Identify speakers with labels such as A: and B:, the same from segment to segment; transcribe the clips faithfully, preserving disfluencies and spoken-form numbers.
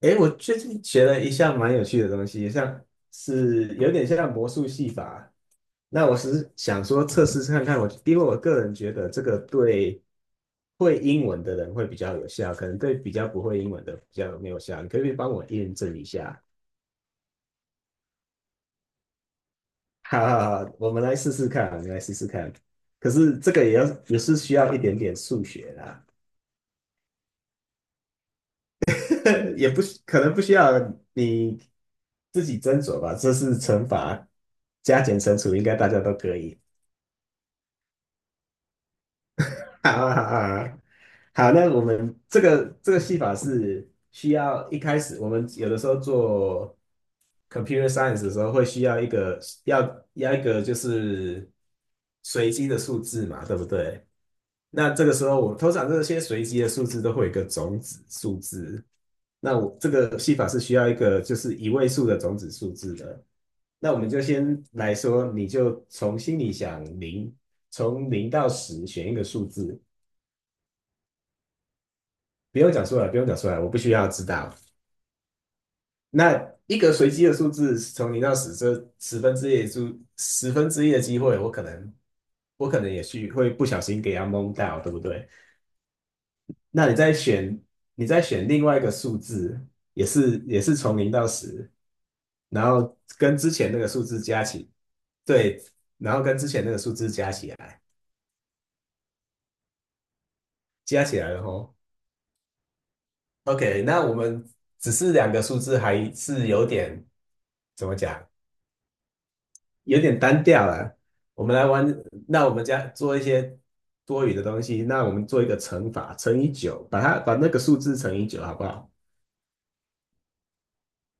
A: 诶，我最近学了一项蛮有趣的东西，像是有点像魔术戏法。那我是想说测试看看我，因为我个人觉得这个对会英文的人会比较有效，可能对比较不会英文的比较没有效。你可不可以帮我验证一下？好好好，我们来试试看，我们来试试看。可是这个也要也是需要一点点数学啦。也不可能不需要你自己斟酌吧，这是乘法加减乘除，应该大家都可以。好啊，好啊，好，那我们这个这个戏法是需要一开始，我们有的时候做 computer science 的时候会需要一个要要一个就是随机的数字嘛，对不对？那这个时候我通常这些随机的数字都会有一个种子数字，那我这个戏法是需要一个就是一位数的种子数字的。那我们就先来说，你就从心里想零，从零到十选一个数字。不用讲出来，不用讲出来，我不需要知道。那一个随机的数字从零到十，这十分之一的数，十分之一的机会，我可能，我可能也去会不小心给它蒙到，对不对？那你再选，你再选另外一个数字，也是也是从零到十，然后跟之前那个数字加起，对，然后跟之前那个数字加起来，加起来了吼。OK,那我们只是两个数字还是有点怎么讲？有点单调了。我们来玩，那我们家做一些多余的东西，那我们做一个乘法，乘以九，把它把那个数字乘以九，好不好？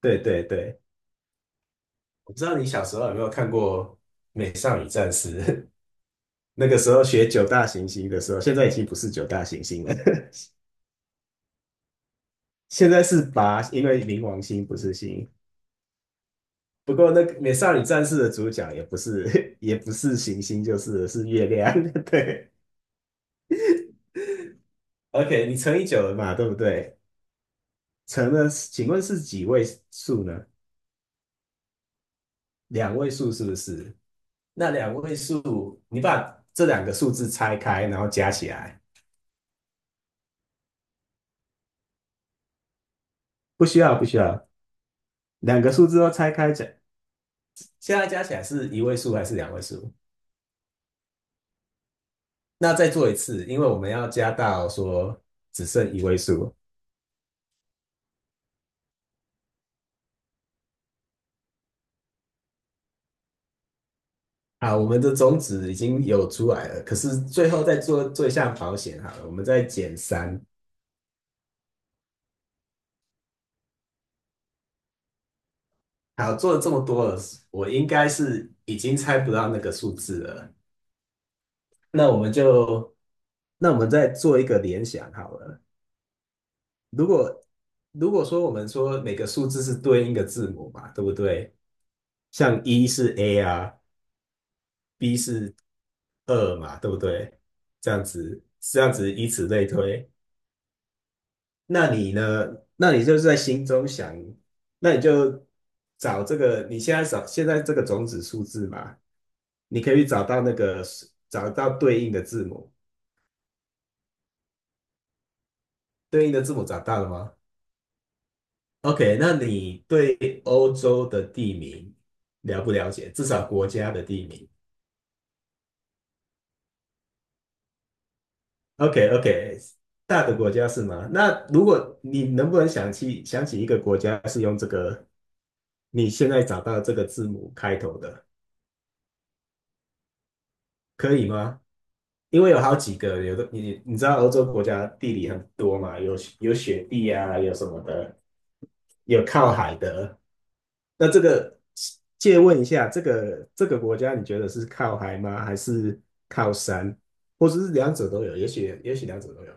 A: 对对对，我不知道你小时候有没有看过《美少女战士》，那个时候学九大行星的时候，现在已经不是九大行星了，现在是八，因为冥王星不是星。不过那个《美少女战士》的主角也不是 也不是行星，就是了是月亮。对，OK,你乘以九了嘛，对不对？成了，请问是几位数呢？两位数是不是？那两位数，你把这两个数字拆开，然后加起来，不需要，不需要，两个数字都拆开加，现在加起来是一位数还是两位数？那再做一次，因为我们要加到说只剩一位数啊，我们的种子已经有出来了，可是最后再做做一下保险好了，我们再减三。好，做了这么多了，我应该是已经猜不到那个数字了。那我们就，那我们再做一个联想好了。如果如果说我们说每个数字是对应的字母嘛，对不对？像一是 A 啊，B 是二嘛，对不对？这样子，这样子以此类推。那你呢？那你就是在心中想，那你就找这个，你现在找现在这个种子数字嘛，你可以找到那个找到对应的字母，对应的字母找到了吗？OK,那你对欧洲的地名了不了解？至少国家的地名。OK，OK，大的国家是吗？那如果你能不能想起想起一个国家是用这个你现在找到这个字母开头的，可以吗？因为有好几个，有的你你知道欧洲国家地理很多嘛，有有雪地啊，有什么的，有靠海的。那这个借问一下，这个这个国家你觉得是靠海吗？还是靠山？或者是两者都有？也许也许两者都有，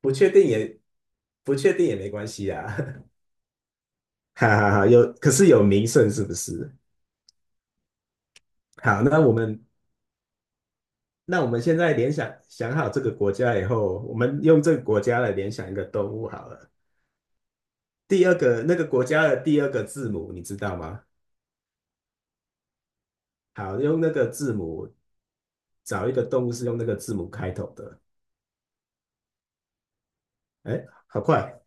A: 不确定也不确定也没关系啊。哈哈哈，有，可是有名胜是不是？好，那我们那我们现在联想想好这个国家以后，我们用这个国家来联想一个动物好了。第二个那个国家的第二个字母你知道吗？好，用那个字母找一个动物是用那个字母开头的。哎，好快。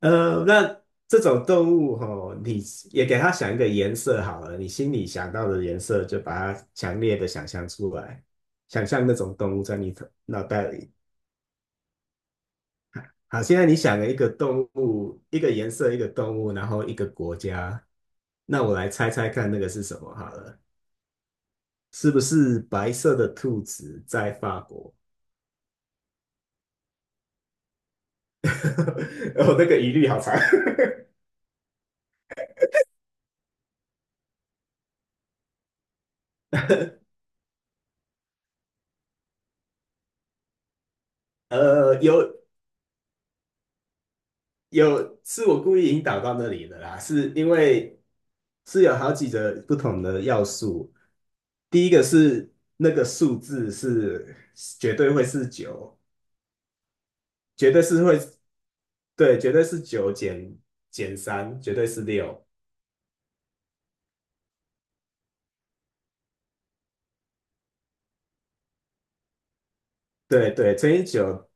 A: 呃，那这种动物吼，你也给它想一个颜色好了，你心里想到的颜色就把它强烈的想象出来，想象那种动物在你头脑袋里好，现在你想了一个动物，一个颜色，一个动物，然后一个国家，那我来猜猜看那个是什么好了，是不是白色的兔子在法国？哦，那个疑虑好长。呃，有有，是我故意引导到那里的啦，是因为是有好几个不同的要素。第一个是那个数字是绝对会是九，绝对是会，对，绝对是九减减三，绝对是六，对对，乘以九，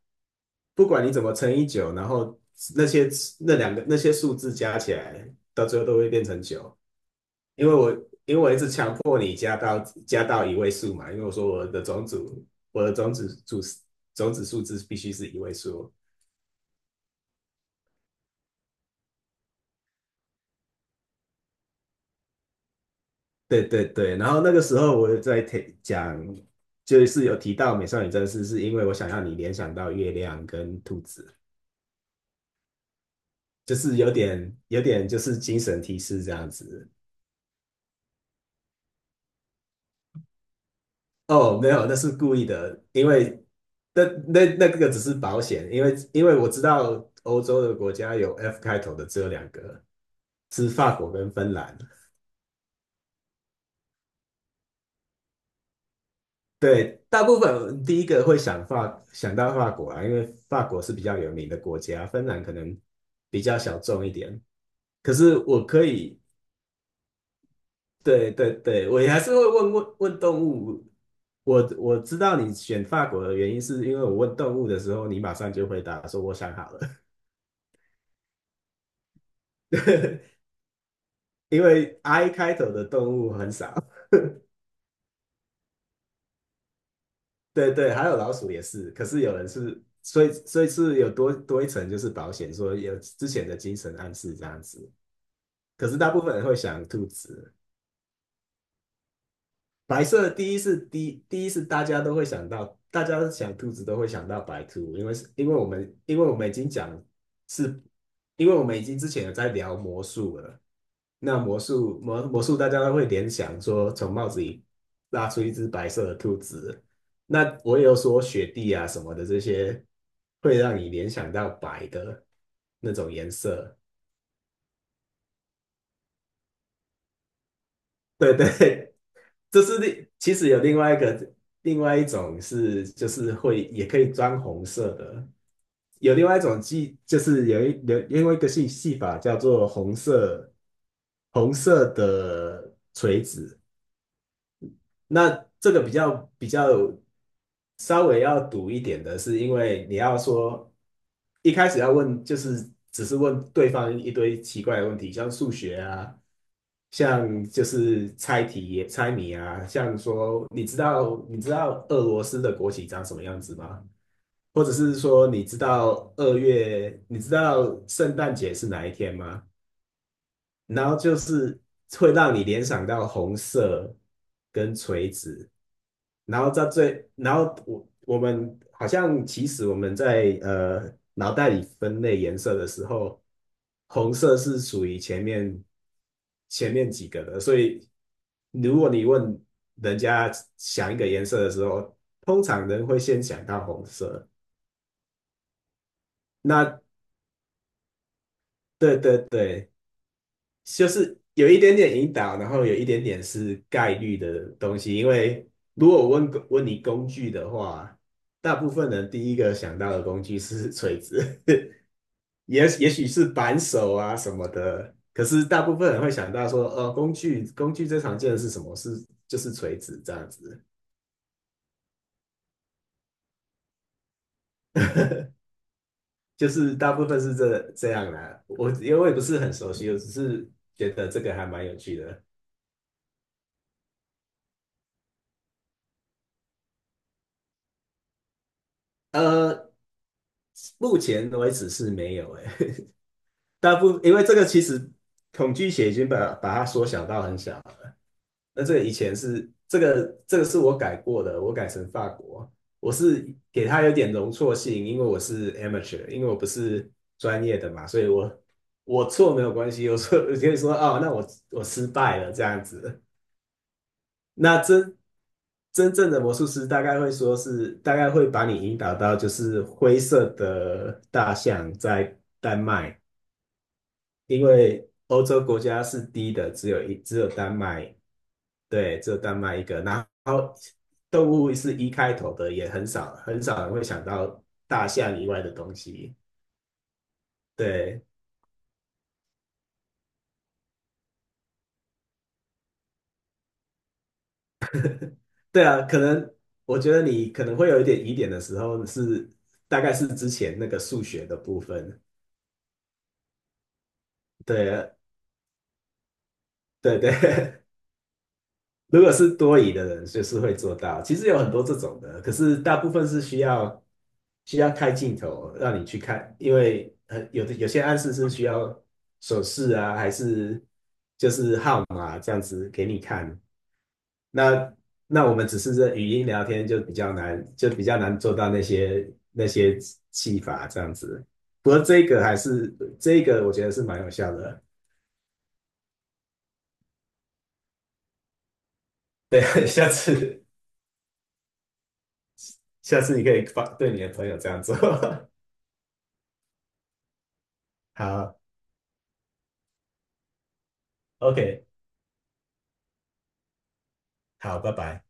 A: 不管你怎么乘以九，然后那些那两个那些数字加起来，到最后都会变成九，因为我因为我一直强迫你加到加到一位数嘛，因为我说我的种子我的种子组种子数字必须是一位数，对对对，然后那个时候我在提讲。就是有提到美少女战士，是因为我想要你联想到月亮跟兔子。就是有点有点就是精神提示这样子。哦，没有，那是故意的，因为那那那个只是保险，因为因为我知道欧洲的国家有 F 开头的只有两个，是法国跟芬兰。对，大部分第一个会想法想到法国啊，因为法国是比较有名的国家，芬兰可能比较小众一点。可是我可以，对对对，我也还是会问问问动物我我知道你选法国的原因，是因为我问动物的时候，你马上就回答说我想好了， 因为 I 开头的动物很少。对对，还有老鼠也是，可是有人是，所以所以是有多多一层就是保险，说有之前的精神暗示这样子。可是大部分人会想兔子，白色第一是第第一是大家都会想到，大家想兔子都会想到白兔，因为是因为我们因为我们已经讲是，因为我们已经之前有在聊魔术了。那魔术魔魔术，大家都会联想说从帽子里拉出一只白色的兔子。那我也有说雪地啊什么的这些，会让你联想到白的那种颜色。对 对，这是另其实有另外一个另外一种是就是会也可以装红色的，有另外一种技就是有一有另外一个戏戏法叫做红色红色的锤子。那这个比较比较稍微要赌一点的是，因为你要说一开始要问，就是只是问对方一堆奇怪的问题，像数学啊，像就是猜题、猜谜啊，像说你知道你知道俄罗斯的国旗长什么样子吗？或者是说你知道二月，你知道圣诞节是哪一天吗？然后就是会让你联想到红色跟锤子。然后在最，然后我我们好像其实我们在呃脑袋里分类颜色的时候，红色是属于前面前面几个的，所以如果你问人家想一个颜色的时候，通常人会先想到红色。那对对对，就是有一点点引导，然后有一点点是概率的东西。因为如果我问工问你工具的话，大部分人第一个想到的工具是锤子，也也许是扳手啊什么的。可是大部分人会想到说，呃，工具工具最常见的是什么？是就是锤子这样子，就是大部分是这这样啦。我因为我也不是很熟悉，我只是觉得这个还蛮有趣的。呃，目前为止是没有诶、大部分因为这个其实恐惧写已经把把它缩小到很小了。那这个以前是这个这个是我改过的，我改成法国，我是给它有点容错性，因为我是 amateur,因为我不是专业的嘛，所以我我错没有关系，我错我可以说哦，那我我失败了这样子。那真真正的魔术师大概会说是大概会把你引导到就是灰色的大象在丹麦。因为欧洲国家是低的，只有一只有丹麦，对，只有丹麦一个。然后动物是一开头的，也很少很少人会想到大象以外的东西。对对啊，可能我觉得你可能会有一点疑点的时候是，大概是之前那个数学的部分。对啊对对，如果是多疑的人，就是会做到。其实有很多这种的，可是大部分是需要需要开镜头让你去看，因为很有的有些暗示是需要手势啊，还是就是号码啊这样子给你看。那那我们只是这语音聊天就比较难，就比较难做到那些那些技法这样子。不过这个还是这个，我觉得是蛮有效的。对，下次下次你可以发对你的朋友这样做。好。OK,好，拜拜。